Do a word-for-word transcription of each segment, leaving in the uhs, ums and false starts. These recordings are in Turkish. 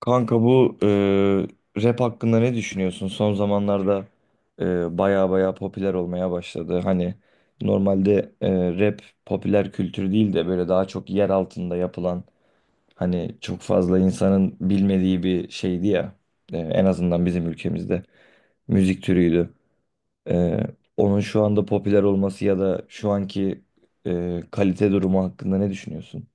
Kanka bu e, rap hakkında ne düşünüyorsun? Son zamanlarda e, baya baya popüler olmaya başladı. Hani normalde e, rap popüler kültür değil de böyle daha çok yer altında yapılan hani çok fazla insanın bilmediği bir şeydi ya. E, en azından bizim ülkemizde müzik türüydü. E, Onun şu anda popüler olması ya da şu anki e, kalite durumu hakkında ne düşünüyorsun?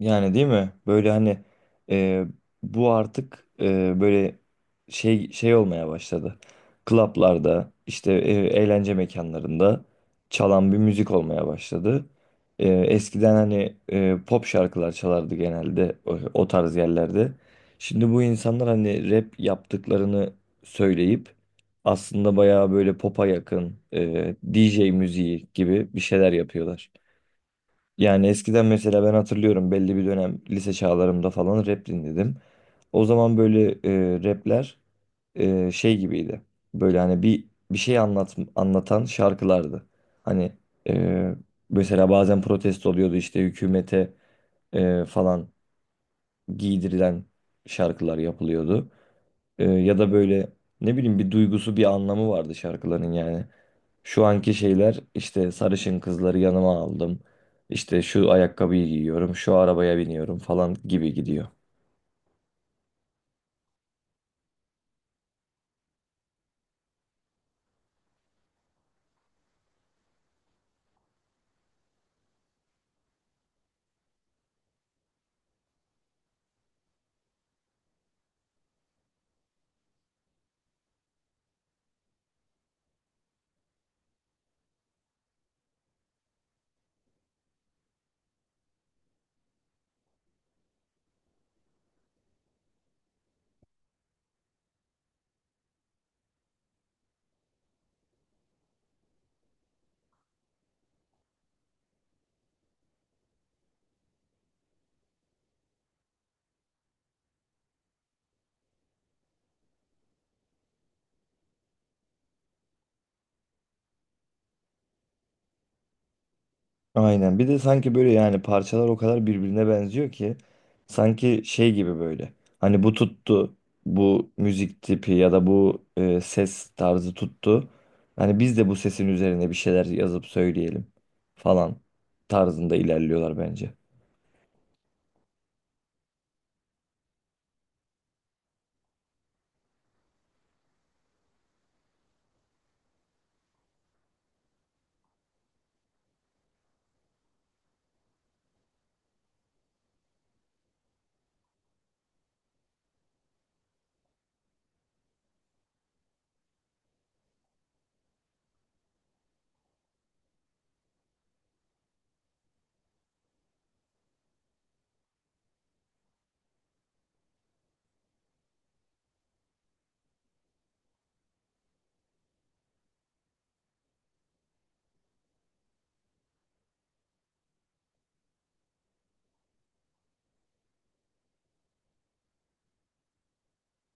Yani değil mi? Böyle hani e, bu artık e, böyle şey şey olmaya başladı. Klaplarda işte e, eğlence mekanlarında çalan bir müzik olmaya başladı. E, eskiden hani e, pop şarkılar çalardı genelde o, o tarz yerlerde. Şimdi bu insanlar hani rap yaptıklarını söyleyip aslında bayağı böyle popa yakın e, D J müziği gibi bir şeyler yapıyorlar. Yani eskiden mesela ben hatırlıyorum belli bir dönem lise çağlarımda falan rap dinledim. O zaman böyle e, rapler e, şey gibiydi. Böyle hani bir bir şey anlat, anlatan şarkılardı. Hani e, mesela bazen protesto oluyordu işte hükümete e, falan giydirilen şarkılar yapılıyordu. Ee, ya da böyle ne bileyim bir duygusu bir anlamı vardı şarkıların yani. Şu anki şeyler işte sarışın kızları yanıma aldım. İşte şu ayakkabıyı giyiyorum, şu arabaya biniyorum falan gibi gidiyor. Aynen. Bir de sanki böyle yani parçalar o kadar birbirine benziyor ki sanki şey gibi böyle. Hani bu tuttu, bu müzik tipi ya da bu e, ses tarzı tuttu. Hani biz de bu sesin üzerine bir şeyler yazıp söyleyelim falan tarzında ilerliyorlar bence.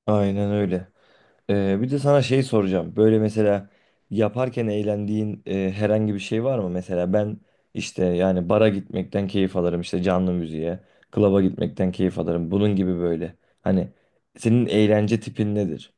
Aynen öyle. Ee, bir de sana şey soracağım. Böyle mesela yaparken eğlendiğin e, herhangi bir şey var mı? Mesela ben işte yani bara gitmekten keyif alırım işte canlı müziğe, klaba gitmekten keyif alırım. Bunun gibi böyle. Hani senin eğlence tipin nedir?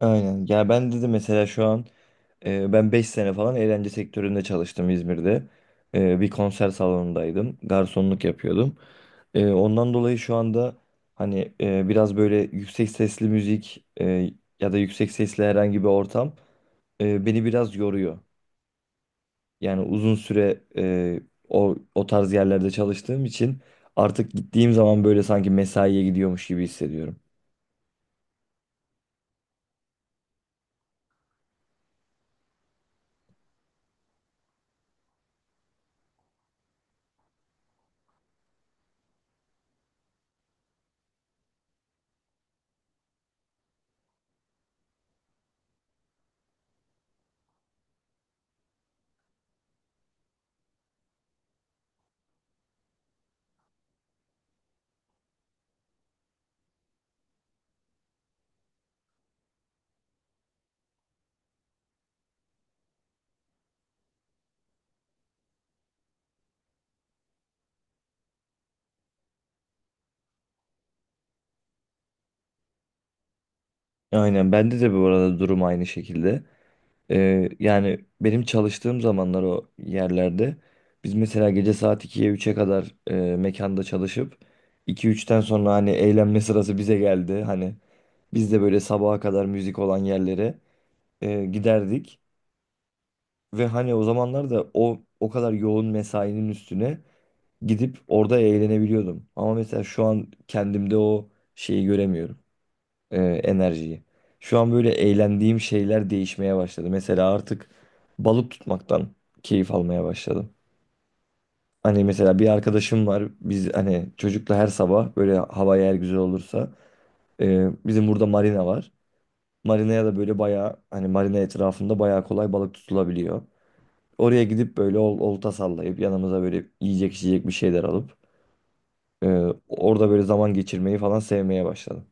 Aynen. Ya ben dedi mesela şu an e, ben beş sene falan eğlence sektöründe çalıştım İzmir'de. E, bir konser salonundaydım. Garsonluk yapıyordum. Ee, ondan dolayı şu anda hani e, biraz böyle yüksek sesli müzik e, ya da yüksek sesli herhangi bir ortam e, beni biraz yoruyor. Yani uzun süre e, o o tarz yerlerde çalıştığım için artık gittiğim zaman böyle sanki mesaiye gidiyormuş gibi hissediyorum. Aynen bende de bu arada durum aynı şekilde. Ee, yani benim çalıştığım zamanlar o yerlerde biz mesela gece saat ikiye üçe kadar e, mekanda çalışıp iki üçten sonra hani eğlenme sırası bize geldi. Hani biz de böyle sabaha kadar müzik olan yerlere e, giderdik ve hani o zamanlar da o o kadar yoğun mesainin üstüne gidip orada eğlenebiliyordum. Ama mesela şu an kendimde o şeyi göremiyorum e, enerjiyi. Şu an böyle eğlendiğim şeyler değişmeye başladı. Mesela artık balık tutmaktan keyif almaya başladım. Hani mesela bir arkadaşım var. Biz hani çocukla her sabah böyle hava eğer güzel olursa e, bizim burada marina var. Marinaya da böyle bayağı hani marina etrafında bayağı kolay balık tutulabiliyor. Oraya gidip böyle ol- olta sallayıp yanımıza böyle yiyecek içecek bir şeyler alıp e, orada böyle zaman geçirmeyi falan sevmeye başladım.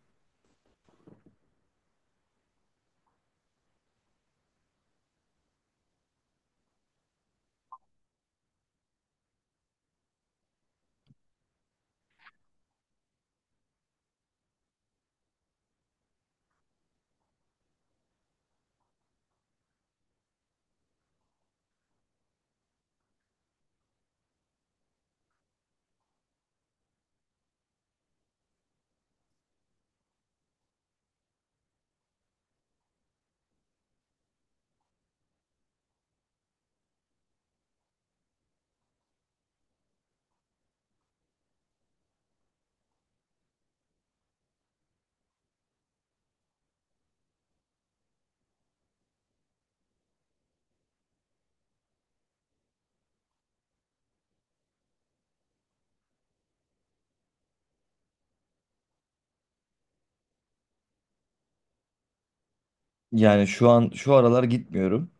Yani şu an şu aralar gitmiyorum.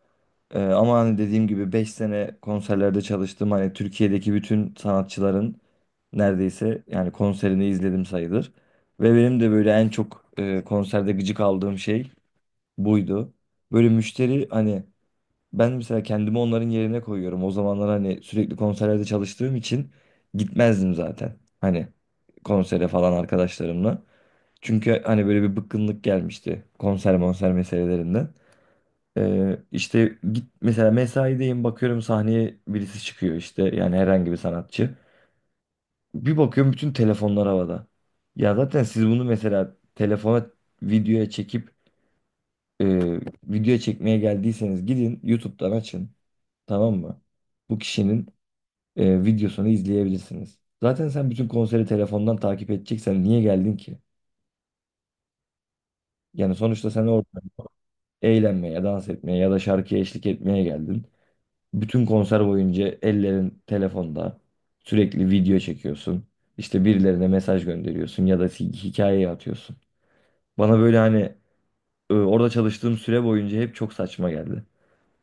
Ee, ama hani dediğim gibi beş sene konserlerde çalıştım. Hani Türkiye'deki bütün sanatçıların neredeyse yani konserini izledim sayılır. Ve benim de böyle en çok e, konserde gıcık aldığım şey buydu. Böyle müşteri hani ben mesela kendimi onların yerine koyuyorum. O zamanlar hani sürekli konserlerde çalıştığım için gitmezdim zaten. Hani konsere falan arkadaşlarımla. Çünkü hani böyle bir bıkkınlık gelmişti konser monser meselelerinde. Ee, işte git mesela mesaideyim bakıyorum sahneye birisi çıkıyor işte yani herhangi bir sanatçı. Bir bakıyorum bütün telefonlar havada. Ya zaten siz bunu mesela telefona videoya çekip e, videoya çekmeye geldiyseniz gidin YouTube'dan açın, tamam mı? Bu kişinin e, videosunu izleyebilirsiniz. Zaten sen bütün konseri telefondan takip edeceksen niye geldin ki? Yani sonuçta sen orada eğlenmeye, dans etmeye ya da şarkıya eşlik etmeye geldin. Bütün konser boyunca ellerin telefonda. Sürekli video çekiyorsun. İşte birilerine mesaj gönderiyorsun ya da hi- hikaye atıyorsun. Bana böyle hani e, orada çalıştığım süre boyunca hep çok saçma geldi.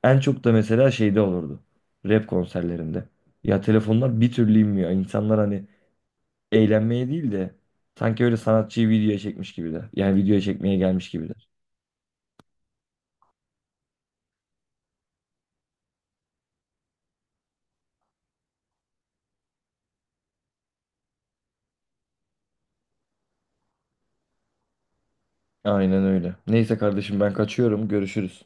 En çok da mesela şeyde olurdu. Rap konserlerinde. Ya telefonlar bir türlü inmiyor. İnsanlar hani eğlenmeye değil de sanki öyle sanatçıyı videoya çekmiş gibiler. Yani videoya çekmeye gelmiş gibiler. Aynen öyle. Neyse kardeşim ben kaçıyorum. Görüşürüz.